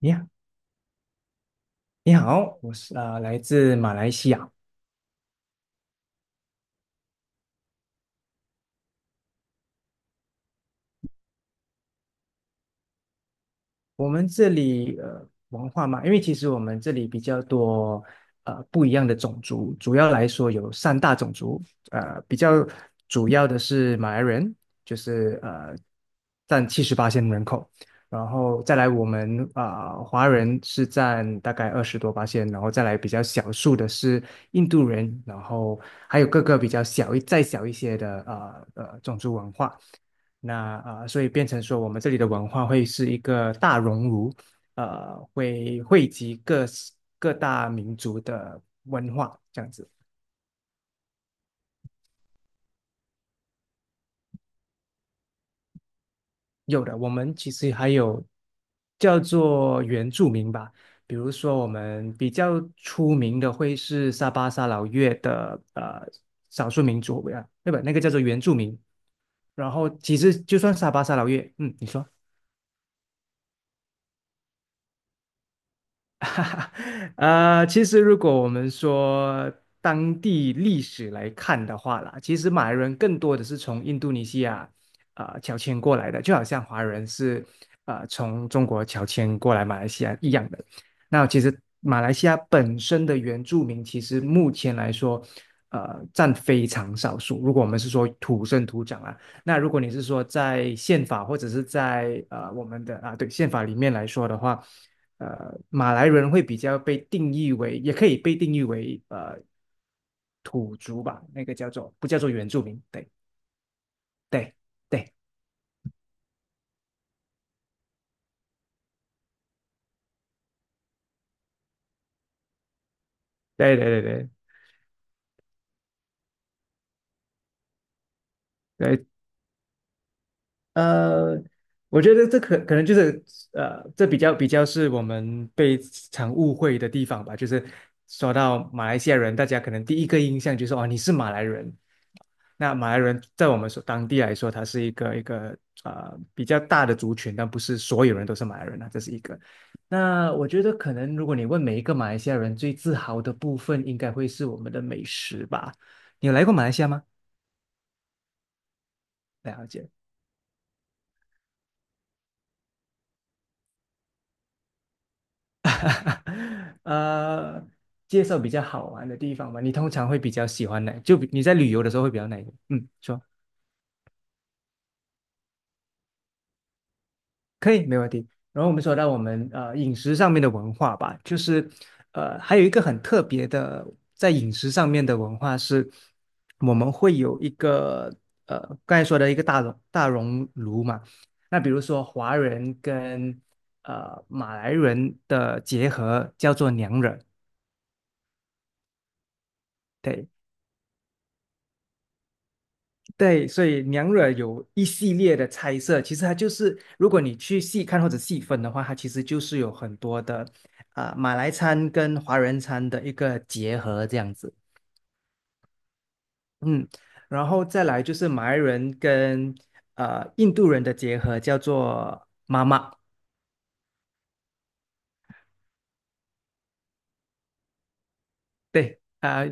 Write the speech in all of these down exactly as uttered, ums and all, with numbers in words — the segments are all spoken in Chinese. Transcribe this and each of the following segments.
你好，你好，我是啊、呃来自马来西亚。我们这里呃文化嘛，因为其实我们这里比较多呃不一样的种族，主要来说有三大种族，呃比较主要的是马来人，就是呃占七十八线人口，然后再来我们啊、呃华人是占大概二十多八线，然后再来比较少数的是印度人，然后还有各个比较小一再小一些的呃呃种族文化。那啊，所以变成说，我们这里的文化会是一个大熔炉，呃，会汇集各各大民族的文化这样子。有的，我们其实还有叫做原住民吧，比如说我们比较出名的会是沙巴沙劳越的呃少数民族，呃，对吧？那个叫做原住民。然后其实就算沙巴沙劳越，嗯，你说。呃，其实如果我们说当地历史来看的话啦，其实马来人更多的是从印度尼西亚呃乔迁过来的，就好像华人是呃从中国乔迁过来马来西亚一样的。那其实马来西亚本身的原住民，其实目前来说，呃，占非常少数。如果我们是说土生土长啊，那如果你是说在宪法或者是在呃我们的啊对宪法里面来说的话。呃，马来人会比较被定义为，也可以被定义为呃土族吧，那个叫做不叫做原住民？对对对对对对对对，呃，我觉得这可可能就是呃，这比较比较是我们被常误会的地方吧。就是说到马来西亚人，大家可能第一个印象就是哦，你是马来人。那马来人在我们所当地来说，他是一个一个呃比较大的族群，但不是所有人都是马来人啊，这是一个。那我觉得可能如果你问每一个马来西亚人最自豪的部分，应该会是我们的美食吧。你有来过马来西亚吗？了解。呃，介绍比较好玩的地方吧。你通常会比较喜欢哪？就比你在旅游的时候会比较哪一个？嗯，说可以，没问题。然后我们说到我们呃饮食上面的文化吧，就是呃还有一个很特别的在饮食上面的文化是，我们会有一个呃刚才说的一个大熔大熔炉嘛。那比如说华人跟呃马来人的结合叫做娘惹。对，对，所以娘惹有一系列的猜测，其实它就是，如果你去细看或者细分的话，它其实就是有很多的啊、马来餐跟华人餐的一个结合这样子，嗯，然后再来就是马来人跟呃印度人的结合，叫做妈妈，对啊、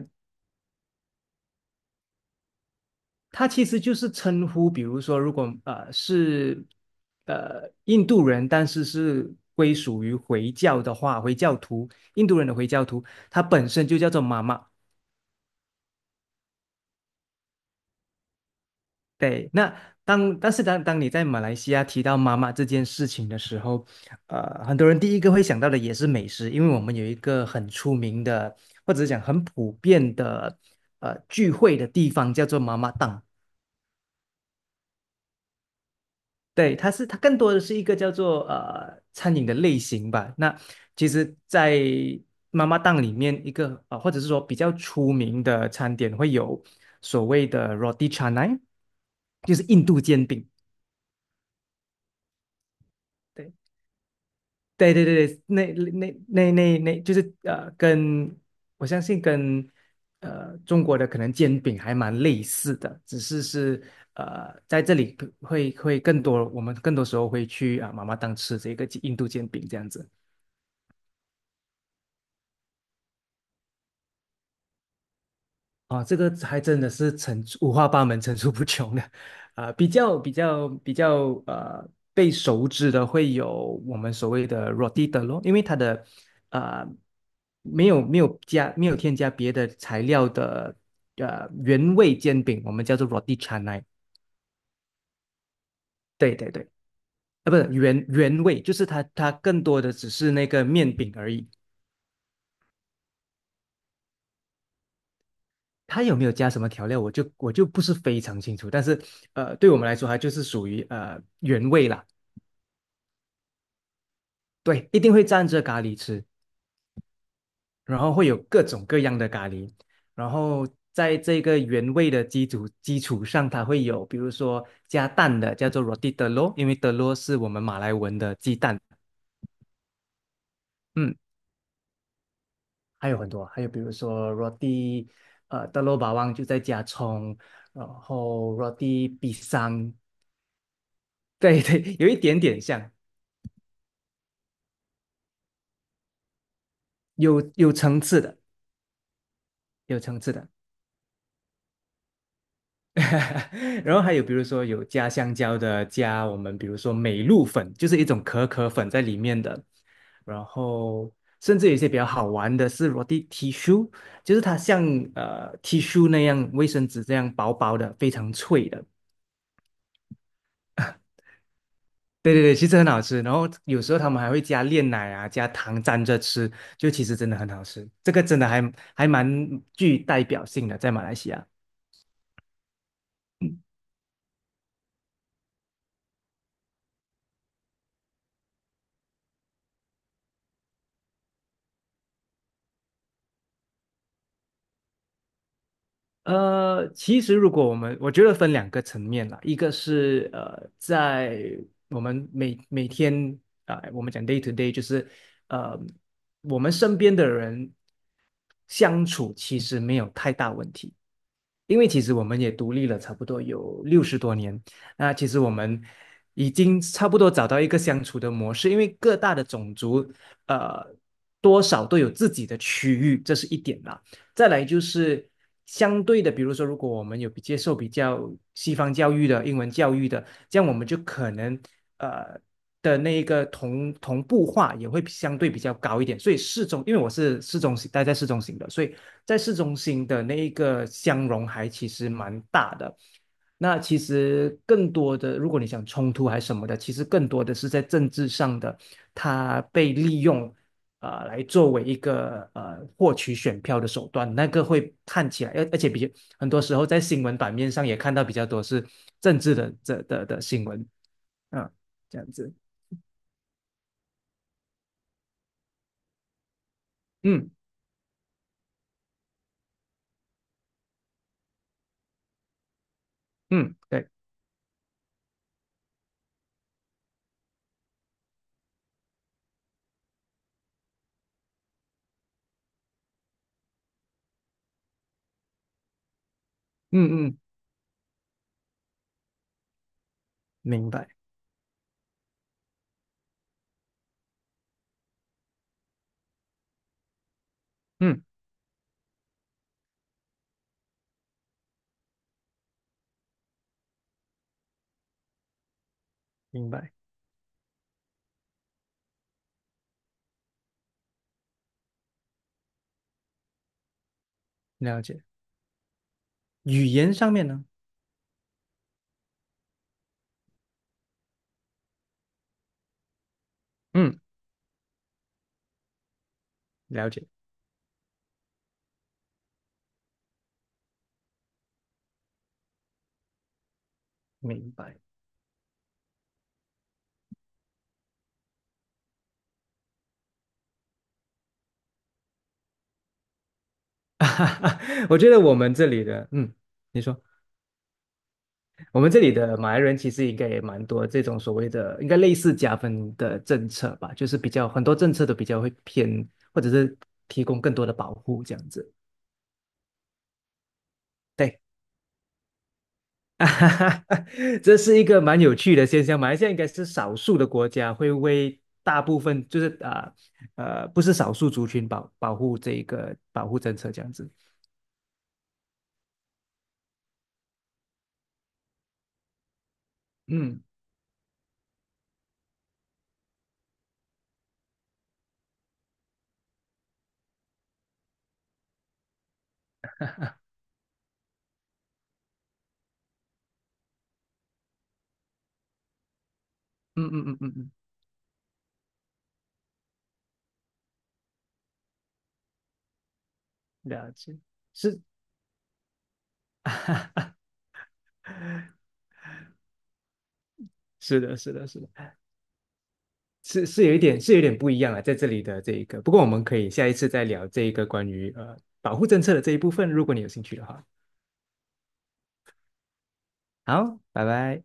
它其实就是称呼，比如说，如果呃是呃印度人，但是是归属于回教的话，回教徒，印度人的回教徒，他本身就叫做妈妈。对，那当但是当当你在马来西亚提到妈妈这件事情的时候，呃，很多人第一个会想到的也是美食，因为我们有一个很出名的，或者是讲很普遍的呃聚会的地方叫做妈妈档。对，它是它更多的是一个叫做呃餐饮的类型吧。那其实，在妈妈档里面，一个啊、呃或者是说比较出名的餐点会有所谓的 roti canai，就是印度煎饼。对。对对对对，那那那那那，就是呃，跟我相信跟呃中国的可能煎饼还蛮类似的，只是是呃在这里会会更多，我们更多时候会去啊、妈妈档吃这个印度煎饼这样子。啊，这个还真的是层出五花八门、层出不穷的，啊、比较比较比较呃被熟知的会有我们所谓的 rotita 咯，因为它的呃没有没有加没有添加别的材料的呃原味煎饼，我们叫做 roti c a n a 对对对，啊，不是原原味，就是它它更多的只是那个面饼而已。它有没有加什么调料，我就我就不是非常清楚，但是呃，对我们来说，它就是属于呃原味啦。对，一定会蘸着咖喱吃，然后会有各种各样的咖喱，然后在这个原味的基础基础上，它会有比如说加蛋的，叫做 roti d e l u r 因为 d e l u r 是我们马来文的鸡蛋，嗯，还有很多，还有比如说 roti 呃 t e l u bawang 就在加葱，然后 roti pisang，对对，有一点点像，有有层次的，有层次的。然后还有比如说有加香蕉的，加我们比如说美露粉，就是一种可可粉在里面的。然后甚至有一些比较好玩的是 roti tissue，就是它像呃 tissue 那样卫生纸这样薄薄的，非常脆的。对对对，其实很好吃。然后有时候他们还会加炼奶啊，加糖沾着吃，就其实真的很好吃。这个真的还还蛮具代表性的，在马来西亚。呃，其实如果我们，我觉得分两个层面啦，一个是呃，在我们每每天啊、呃我们讲 day to day，就是呃，我们身边的人相处其实没有太大问题，因为其实我们也独立了差不多有六十多年，那其实我们已经差不多找到一个相处的模式，因为各大的种族呃多少都有自己的区域，这是一点啦。再来就是相对的，比如说，如果我们有比接受比较西方教育的英文教育的，这样我们就可能呃的那一个同同步化也会相对比较高一点。所以市中，因为我是市中心，待在市中心的，所以在市中心的那一个相容还其实蛮大的。那其实更多的，如果你想冲突还是什么的，其实更多的是在政治上的，它被利用啊，来作为一个呃获取选票的手段，那个会看起来，而而且比较很多时候在新闻版面上也看到比较多是政治的这的的新闻啊，这样子，嗯嗯，对，嗯嗯，明白，嗯明白，了解。语言上面呢，嗯，了解，明白。我觉得我们这里的，嗯，你说。我们这里的马来人其实应该也蛮多这种所谓的，应该类似加分的政策吧，就是比较很多政策都比较会偏，或者是提供更多的保护这样子。对，这是一个蛮有趣的现象。马来西亚应该是少数的国家会为大部分就是啊呃，呃不是少数族群保保护这一个保护政策这样子。嗯嗯嗯嗯嗯嗯，了解，是 是的，是的，是的。是是有一点是有点不一样啊，在这里的这一个，不过我们可以下一次再聊这一个关于呃保护政策的这一部分，如果你有兴趣的话。好，拜拜。